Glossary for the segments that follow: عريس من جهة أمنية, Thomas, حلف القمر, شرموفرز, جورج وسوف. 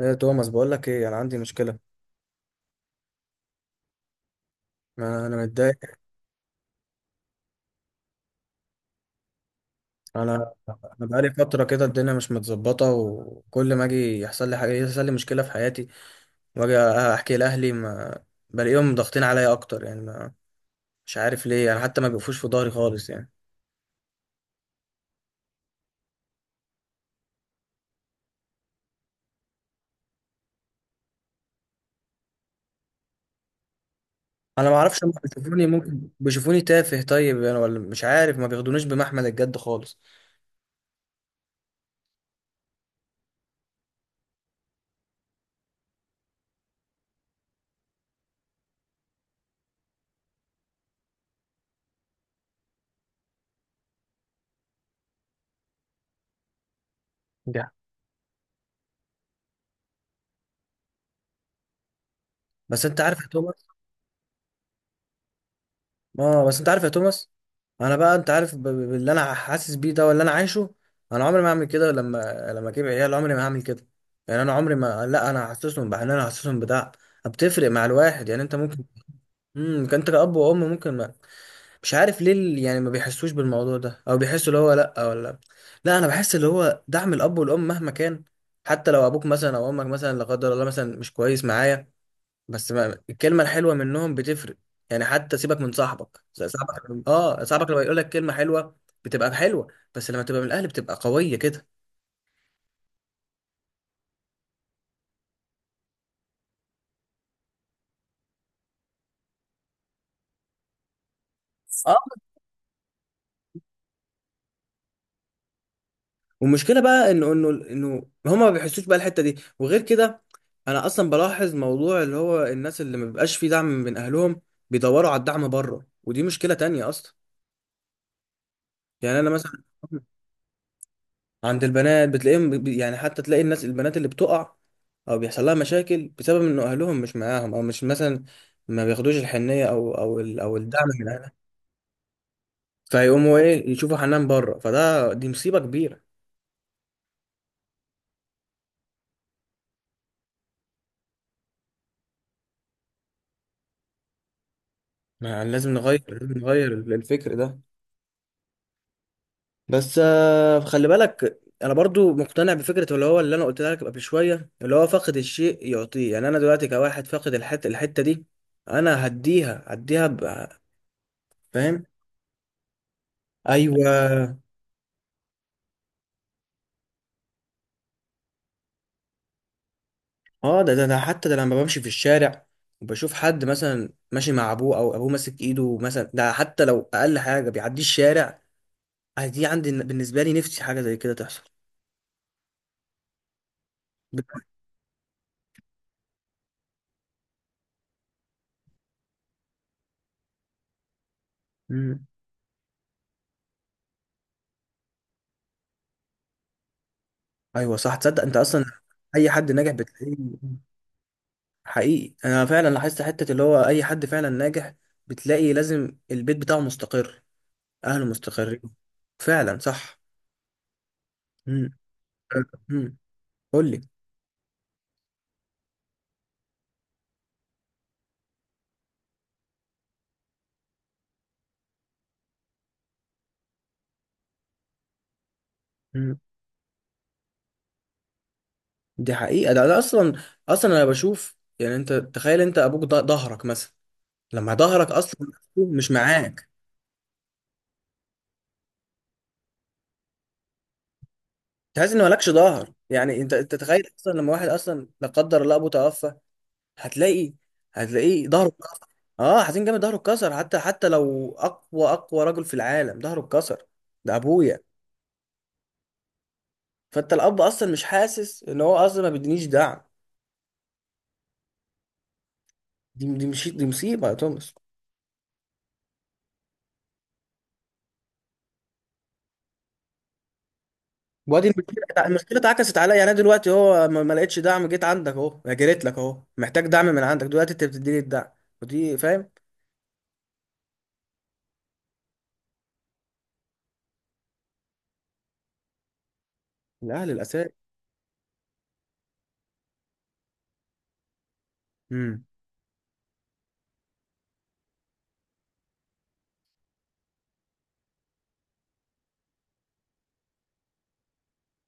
ايه يا توماس، بقول لك ايه، انا عندي مشكله. ما انا متضايق. انا انا بقالي فتره كده، الدنيا مش متظبطه، وكل ما اجي يحصل لي حاجه يحصل لي مشكله في حياتي. واجي احكي لاهلي ما بلاقيهم ضاغطين عليا اكتر، يعني ما مش عارف ليه، يعني حتى ما بيقفوش في ظهري خالص يعني. انا ما اعرفش هم بيشوفوني، ممكن بيشوفوني تافه طيب يعني، ولا مش عارف ما بياخدونيش بمحمل الجد خالص. yeah. بس انت عارف يا توماس. اه، بس انت عارف يا توماس، انا بقى انت عارف باللي انا حاسس بيه ده واللي انا عايشه. انا عمري ما هعمل كده، لما اجيب عيال عمري ما هعمل كده. يعني انا عمري ما، لا، انا هحسسهم بحنان، انا هحسسهم بدعم، بتفرق مع الواحد. يعني انت ممكن، انت كأب وام ممكن ما، مش عارف ليه يعني ما بيحسوش بالموضوع ده، او بيحسوا اللي هو لا، ولا لا، انا بحس اللي هو دعم الاب والام مهما كان. حتى لو ابوك مثلا او امك مثلا لا قدر الله مثلا مش كويس معايا، بس ما الكلمه الحلوه منهم بتفرق. يعني حتى سيبك من صاحبك لما يقول لك كلمه حلوه بتبقى حلوه، بس لما تبقى من الاهل بتبقى قويه كده. اه. والمشكله بقى انه هما ما بيحسوش بقى الحته دي، وغير كده انا اصلا بلاحظ موضوع اللي هو الناس اللي ما بيبقاش فيه دعم من اهلهم بيدوروا على الدعم بره، ودي مشكله تانية اصلا. يعني انا مثلا عند البنات بتلاقيهم يعني، حتى تلاقي الناس البنات اللي بتقع او بيحصل لها مشاكل بسبب ان اهلهم مش معاهم، او مش مثلا ما بياخدوش الحنيه، او الدعم من اهلها، فيقوموا ايه يشوفوا حنان بره، فده دي مصيبه كبيره. ما لازم نغير الفكر ده. بس خلي بالك انا برضو مقتنع بفكره اللي هو اللي انا قلت لك قبل شويه اللي هو فاقد الشيء يعطيه. يعني انا دلوقتي كواحد فاقد الحته دي، انا هديها. فاهم. ايوه. اه، ده انا حتى ده لما بمشي في الشارع وبشوف حد مثلا ماشي مع ابوه، او ابوه ماسك ايده مثلا، ده حتى لو اقل حاجه بيعدي الشارع، آه دي عندي بالنسبه لي نفسي حاجه زي كده تحصل. بت... مم. ايوه صح. تصدق انت اصلا اي حد ناجح بتلاقيه، حقيقي انا فعلا لاحظت حته اللي هو اي حد فعلا ناجح بتلاقي لازم البيت بتاعه مستقر، اهله مستقرين، فعلا صح. امم قول لي. دي حقيقة، ده اصلا انا بشوف يعني انت تخيل انت ابوك ظهرك مثلا، لما ظهرك اصلا مش معاك، تحس ان مالكش ظهر. يعني انت تخيل اصلا لما واحد اصلا لا قدر الله ابوه توفى، هتلاقي هتلاقيه ظهره اتكسر. اه، حزين جامد، ظهره اتكسر، حتى لو اقوى اقوى رجل في العالم ظهره اتكسر، ده ابويا. فانت الاب اصلا مش حاسس ان هو اصلا ما بيدينيش دعم، دي مش دي مصيبة يا توماس؟ وادي المشكله اتعكست عليا. يعني أنا دلوقتي اهو ما لقيتش دعم، جيت عندك اهو، جريت لك اهو محتاج دعم من عندك، دلوقتي انت بتديني الدعم. ودي فاهم. الاهل الاساس. امم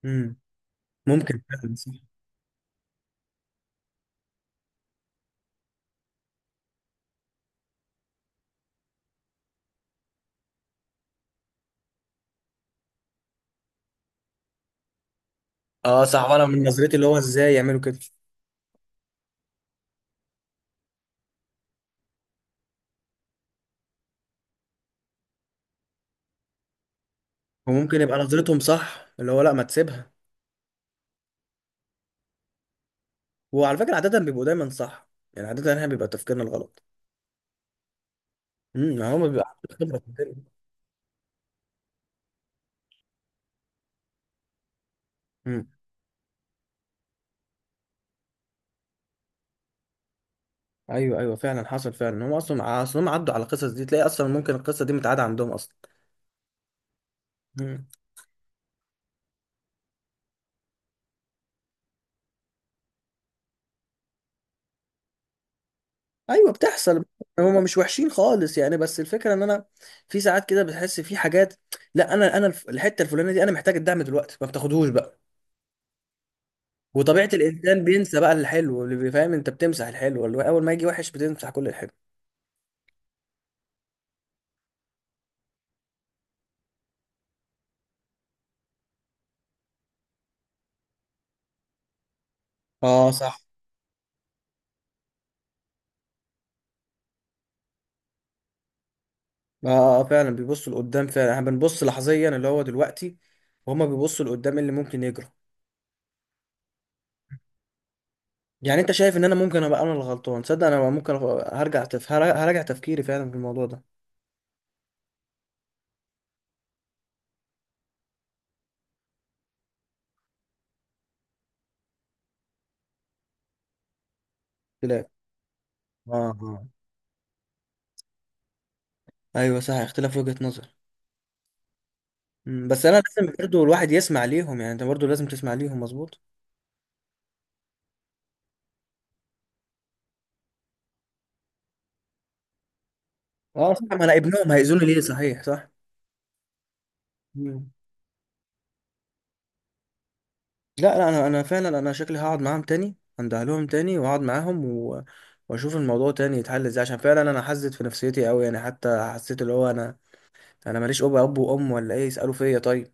امم ممكن فعلا صح. اه صح، وانا من نظرتي اللي هو ازاي يعملوا كده؟ وممكن يبقى نظرتهم صح، اللي هو لا، ما تسيبها، وعلى فكره عاده بيبقوا دايما صح. يعني عاده احنا بيبقى تفكيرنا الغلط. ما هم بيبقى عندهم خبره في الدنيا. امم ايوه، ايوه، فعلا حصل فعلا. هم اصلا هم عدوا على القصص دي، تلاقي اصلا ممكن القصه دي متعاده عندهم اصلا. امم ايوه، بتحصل. هما مش وحشين خالص يعني، بس الفكره ان انا في ساعات كده بتحس في حاجات، لا انا الحته الفلانيه دي انا محتاج الدعم دلوقتي، ما بتاخدهوش بقى. وطبيعه الانسان بينسى بقى الحلو، اللي بيفهم انت بتمسح الحلو، اللي هو اول ما يجي وحش بتمسح كل الحلو. اه صح. اه فعلا بيبصوا لقدام، فعلا احنا بنبص لحظيا اللي هو دلوقتي، وهما بيبصوا لقدام إيه اللي ممكن يجرى. يعني انت شايف ان انا ممكن ابقى انا الغلطان؟ تصدق انا ممكن هرجع تفكيري فعلا في الموضوع ده. لا. اه، اه، ايوه صح، اختلاف وجهة نظر. بس انا لازم برضه الواحد يسمع ليهم، يعني انت برضه لازم تسمع ليهم، مظبوط. اه صح، ما انا ابنهم، هيأذوني ليه صحيح، صح. مم. لا، لا، انا فعلا انا شكلي هقعد معاهم تاني، اندهلهم تاني واقعد معاهم واشوف الموضوع تاني يتحل ازاي، عشان فعلا انا حزت في نفسيتي قوي يعني، حتى حسيت اللي هو انا ماليش اب وام، ولا ايه يسالوا فيا طيب.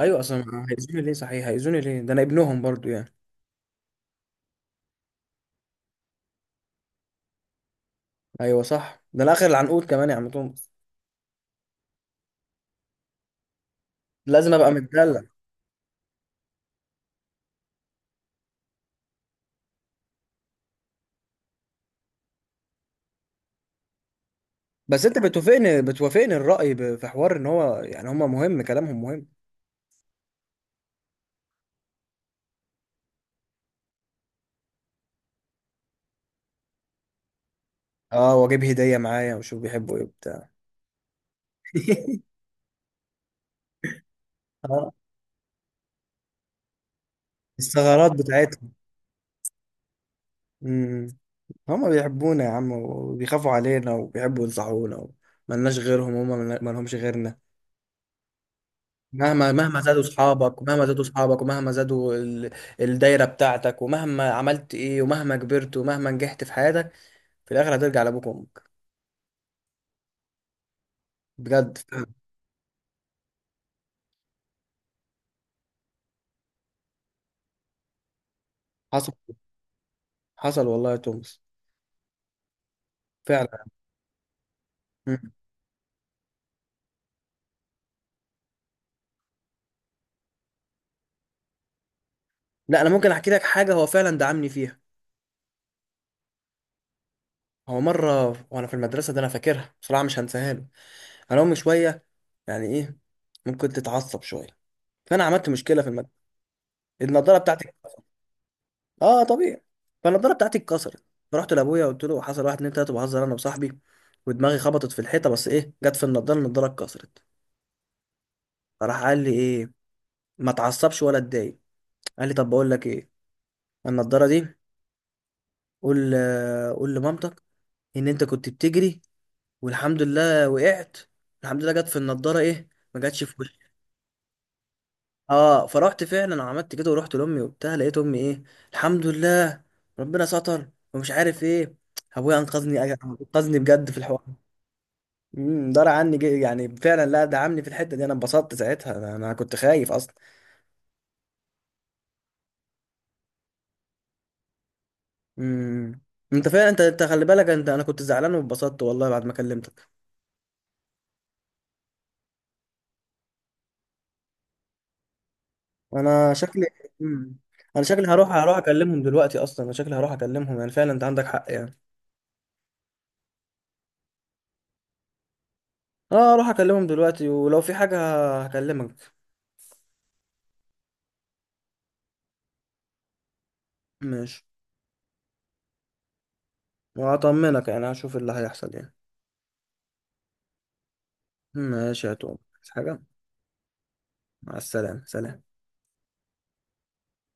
ايوه اصلا هيأذوني ليه صحيح، هيأذوني ليه ده انا ابنهم برضه يعني. ايوه صح، ده انا اخر العنقود كمان يا عم توماس، لازم ابقى متدلع. بس انت بتوافقني الرأي في حوار ان هو يعني هما مهم، كلامهم مهم. اه، واجيب هدية معايا وشوف بيحبوا ايه وبتاع. اه، الثغرات بتاعتهم. امم هما بيحبونا يا عم، وبيخافوا علينا، وبيحبوا ينصحونا، ملناش غيرهم، هما ملهمش غيرنا. مهما زادوا اصحابك، ومهما زادوا اصحابك، ومهما زادوا الدايرة بتاعتك، ومهما عملت ايه، ومهما كبرت، ومهما نجحت في حياتك، في الاخر هترجع لابوك وامك بجد فعلا. حصل، حصل والله يا توماس، فعلا. لا انا ممكن احكي لك حاجه هو فعلا دعمني فيها. هو مره وانا في المدرسه، ده انا فاكرها بصراحه مش هنساها له، انا امي شويه يعني ايه، ممكن تتعصب شويه. فانا عملت مشكله في الماده، النضاره بتاعتي اتكسرت. اه طبيعي. فالنضاره بتاعتي اتكسرت، فرحت لابويا قلت له حصل واحد اتنين تلاته بهزر انا وصاحبي، ودماغي خبطت في الحيطه، بس ايه جت في النضاره، النضاره اتكسرت. فراح قال لي ايه، ما اتعصبش ولا اتضايق، قال لي طب بقول لك ايه، النضاره دي قول، قول لمامتك ان انت كنت بتجري والحمد لله وقعت، الحمد لله جت في النضاره ايه، ما جاتش في وشي. اه فرحت، فعلا عملت كده ورحت لامي وبتاع، لقيت امي ايه الحمد لله ربنا ستر ومش عارف ايه، ابويا انقذني، انقذني بجد في الحوار. دار عني يعني فعلا، لا دعمني في الحته دي، انا انبسطت ساعتها، انا كنت خايف اصلا. امم انت فعلا انت خلي بالك انت، انا كنت زعلان واتبسطت والله بعد ما كلمتك. انا شكلي امم انا شكلي هروح اكلمهم دلوقتي اصلا، انا شكلي هروح اكلمهم يعني، فعلا انت عندك حق يعني. اه اروح اكلمهم دلوقتي، ولو في حاجة هكلمك. ماشي. وهطمنك يعني، هشوف اللي هيحصل يعني. ماشي يا توم، عايز حاجة؟ مع السلامة، سلام.